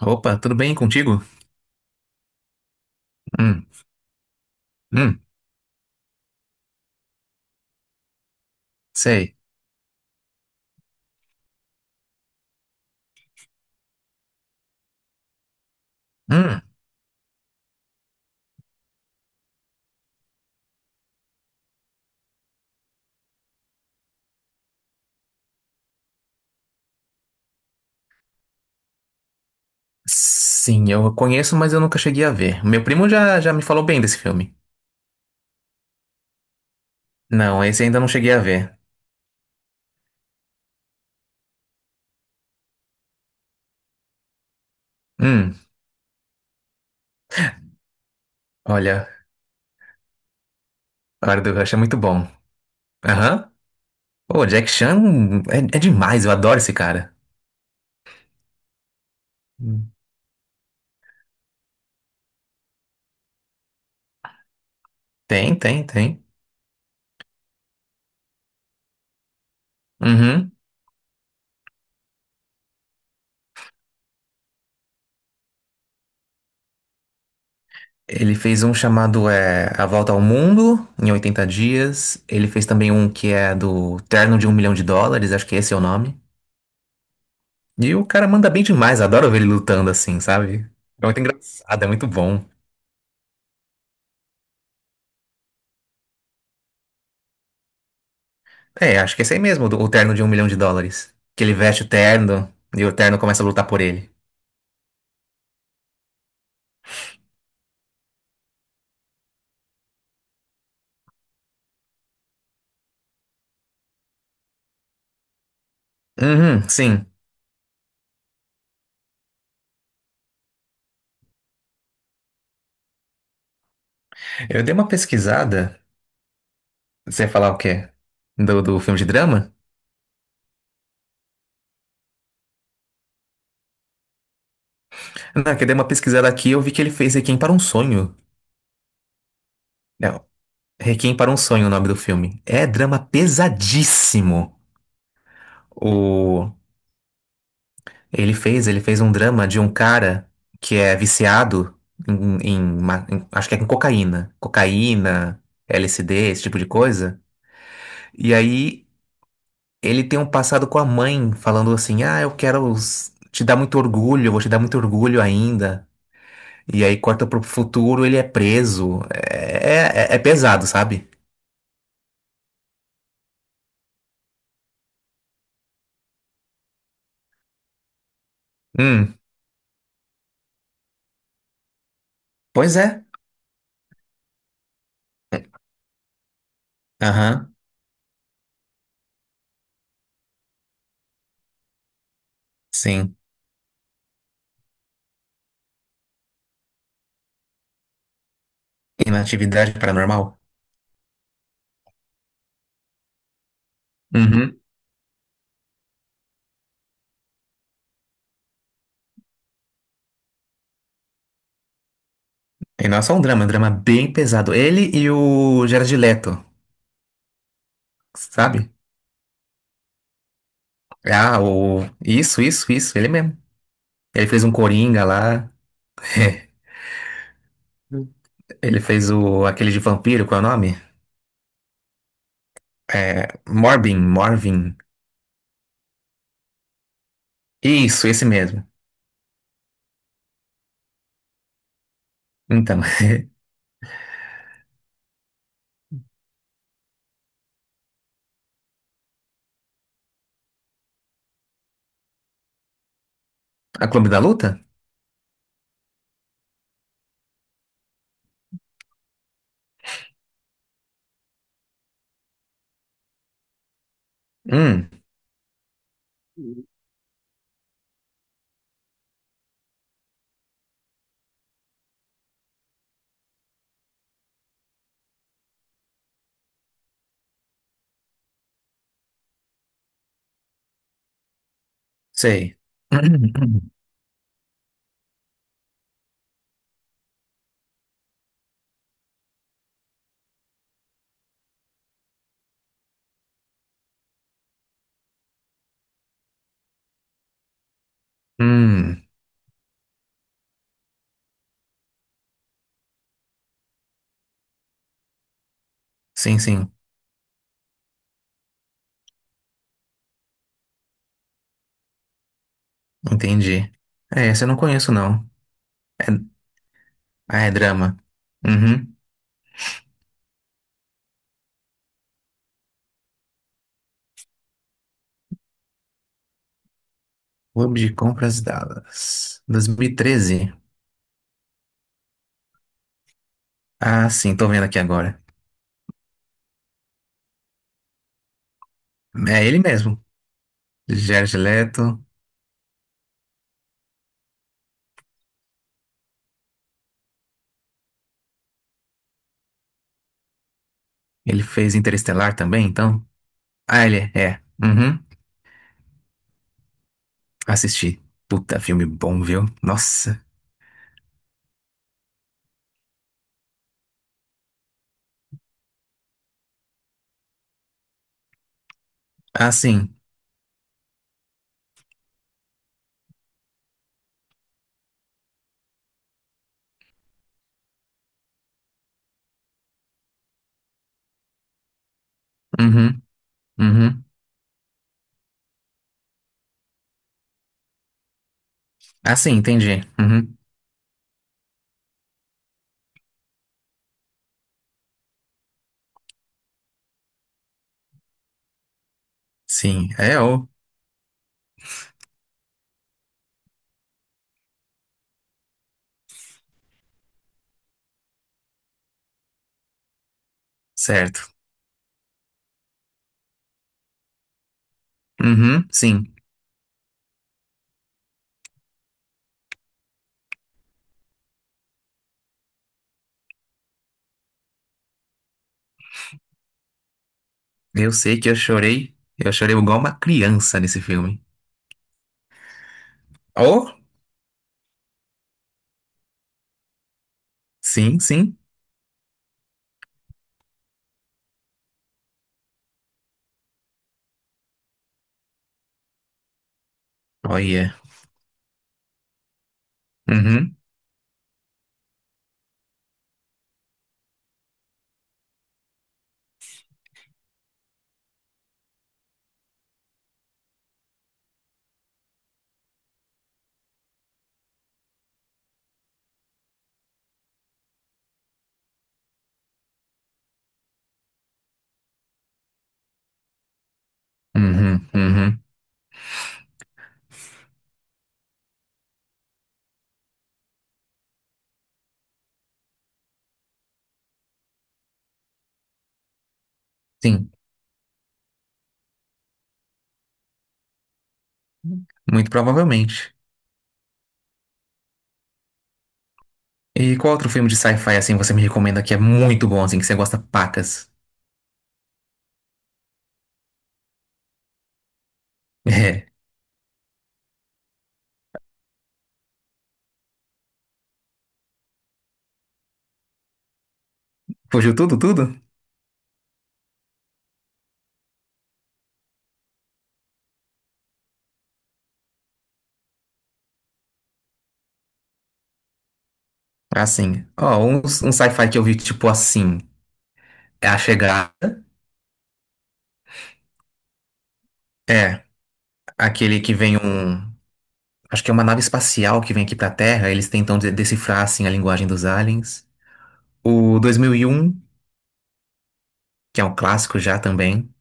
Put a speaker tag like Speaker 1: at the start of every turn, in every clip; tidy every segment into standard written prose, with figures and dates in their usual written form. Speaker 1: Opa, tudo bem contigo? Hum, hum, sei. Hum, sim, eu conheço, mas eu nunca cheguei a ver. Meu primo já me falou bem desse filme. Não, esse ainda não cheguei a ver. Hum, Olha, A Hora do Rush é muito bom. Aham. Pô, Jack Chan é demais, eu adoro esse cara. Hum. Tem, tem, tem. Uhum. Ele fez um chamado A Volta ao Mundo em 80 dias. Ele fez também um que é do Terno de um Milhão de Dólares, acho que esse é o nome. E o cara manda bem demais, adoro ver ele lutando assim, sabe? É muito engraçado, é muito bom. É, acho que é esse aí mesmo, o terno de um milhão de dólares. Que ele veste o terno e o terno começa a lutar por ele. Uhum, sim. Eu dei uma pesquisada. Você ia falar o quê? Do filme de drama? Não, que eu dei uma pesquisada aqui e eu vi que ele fez Requiem para um Sonho. Não, Requiem para um Sonho é o nome do filme. É drama pesadíssimo. O, ele fez, ele fez um drama de um cara que é viciado em acho que é com cocaína, cocaína, LSD, esse tipo de coisa. E aí ele tem um passado com a mãe falando assim: "Ah, eu quero te dar muito orgulho, eu vou te dar muito orgulho ainda". E aí corta pro futuro, ele é preso. É pesado, sabe? Hum, Pois é. Aham, sim. Inatividade paranormal. E não é só um drama, é um drama bem pesado. Ele e o Jared Leto, sabe? Ah, o... Isso, ele mesmo. Ele fez um Coringa lá. Ele fez o... aquele de vampiro, qual é o nome? É... Morbin, Morvin. Isso, esse mesmo. Então, a Clube da Luta? Hum, Sei. Hum, sim, sim, entendi. É, esse eu não conheço, não. É... Ah, é drama. Uhum. Clube de Compras Dallas, 2013. Ah, sim, tô vendo aqui agora. É ele mesmo. Jared Leto. Ele fez Interestelar também, então? Ah, ele é. É. Uhum. Assisti. Puta, filme bom, viu? Nossa. Ah, sim. Uhum. Uhum. Ah, sim, entendi. Uhum. Sim, é o. Certo. Uhum, sim. Eu sei que eu chorei. Eu chorei igual uma criança nesse filme. Oh? Sim, sim. Olha. Uhum. Uhum. Uhum. Sim. Muito provavelmente. E qual outro filme de sci-fi assim você me recomenda que é muito bom, assim, que você gosta pacas? É. Fugiu tudo, tudo? Assim. Ó, um sci-fi que eu vi, tipo assim, é A Chegada. É, aquele que vem um. Acho que é uma nave espacial que vem aqui pra Terra. Eles tentam decifrar, assim, a linguagem dos aliens. O dois mil e um, que é um clássico já também.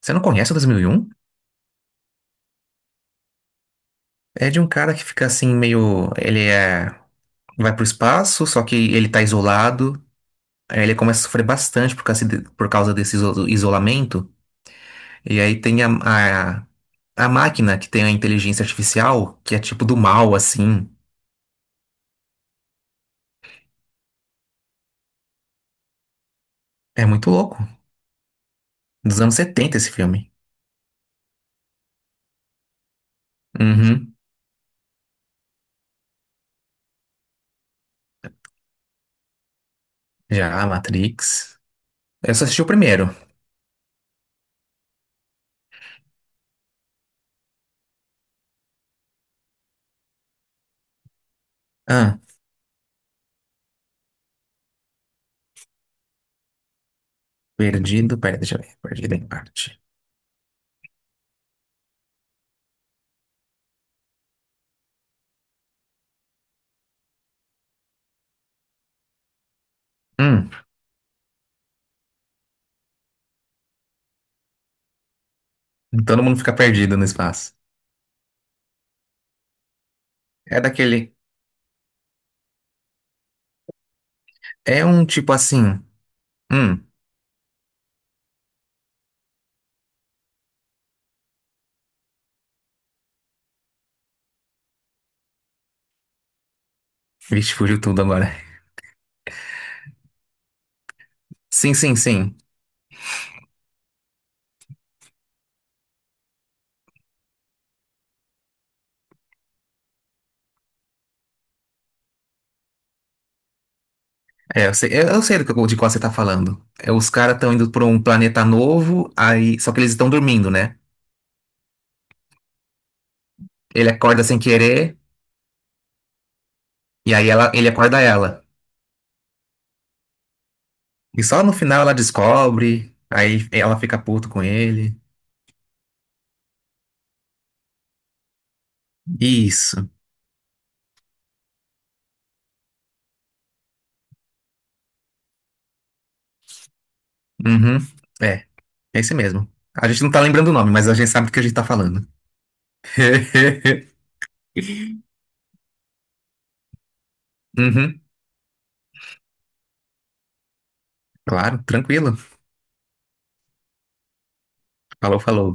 Speaker 1: Você não conhece o 2001? É de um cara que fica assim, meio. Ele é. Vai pro espaço, só que ele tá isolado. Aí ele começa a sofrer bastante por causa, por causa desse isolamento. E aí tem a, a máquina que tem a inteligência artificial, que é tipo do mal, assim. É muito louco. Dos anos 70 esse filme. Uhum. Já, Matrix. Eu só assisti o primeiro. Ah, perdido. Pera, deixa eu ver. Perdido em parte. Hum, Todo mundo fica perdido no espaço. É daquele. É um tipo assim. Hum, Vixe, fugiu tudo agora. Sim, sim, sim. É, eu sei, eu sei de qual você tá falando. É, os caras estão indo pra um planeta novo, aí só que eles estão dormindo, né? Ele acorda sem querer, e aí ela, ele acorda ela. E só no final ela descobre, aí ela fica puto com ele. Isso. Uhum. É, é esse mesmo. A gente não tá lembrando o nome, mas a gente sabe do que a gente tá falando. Uhum. Claro, tranquilo. Falou, falou.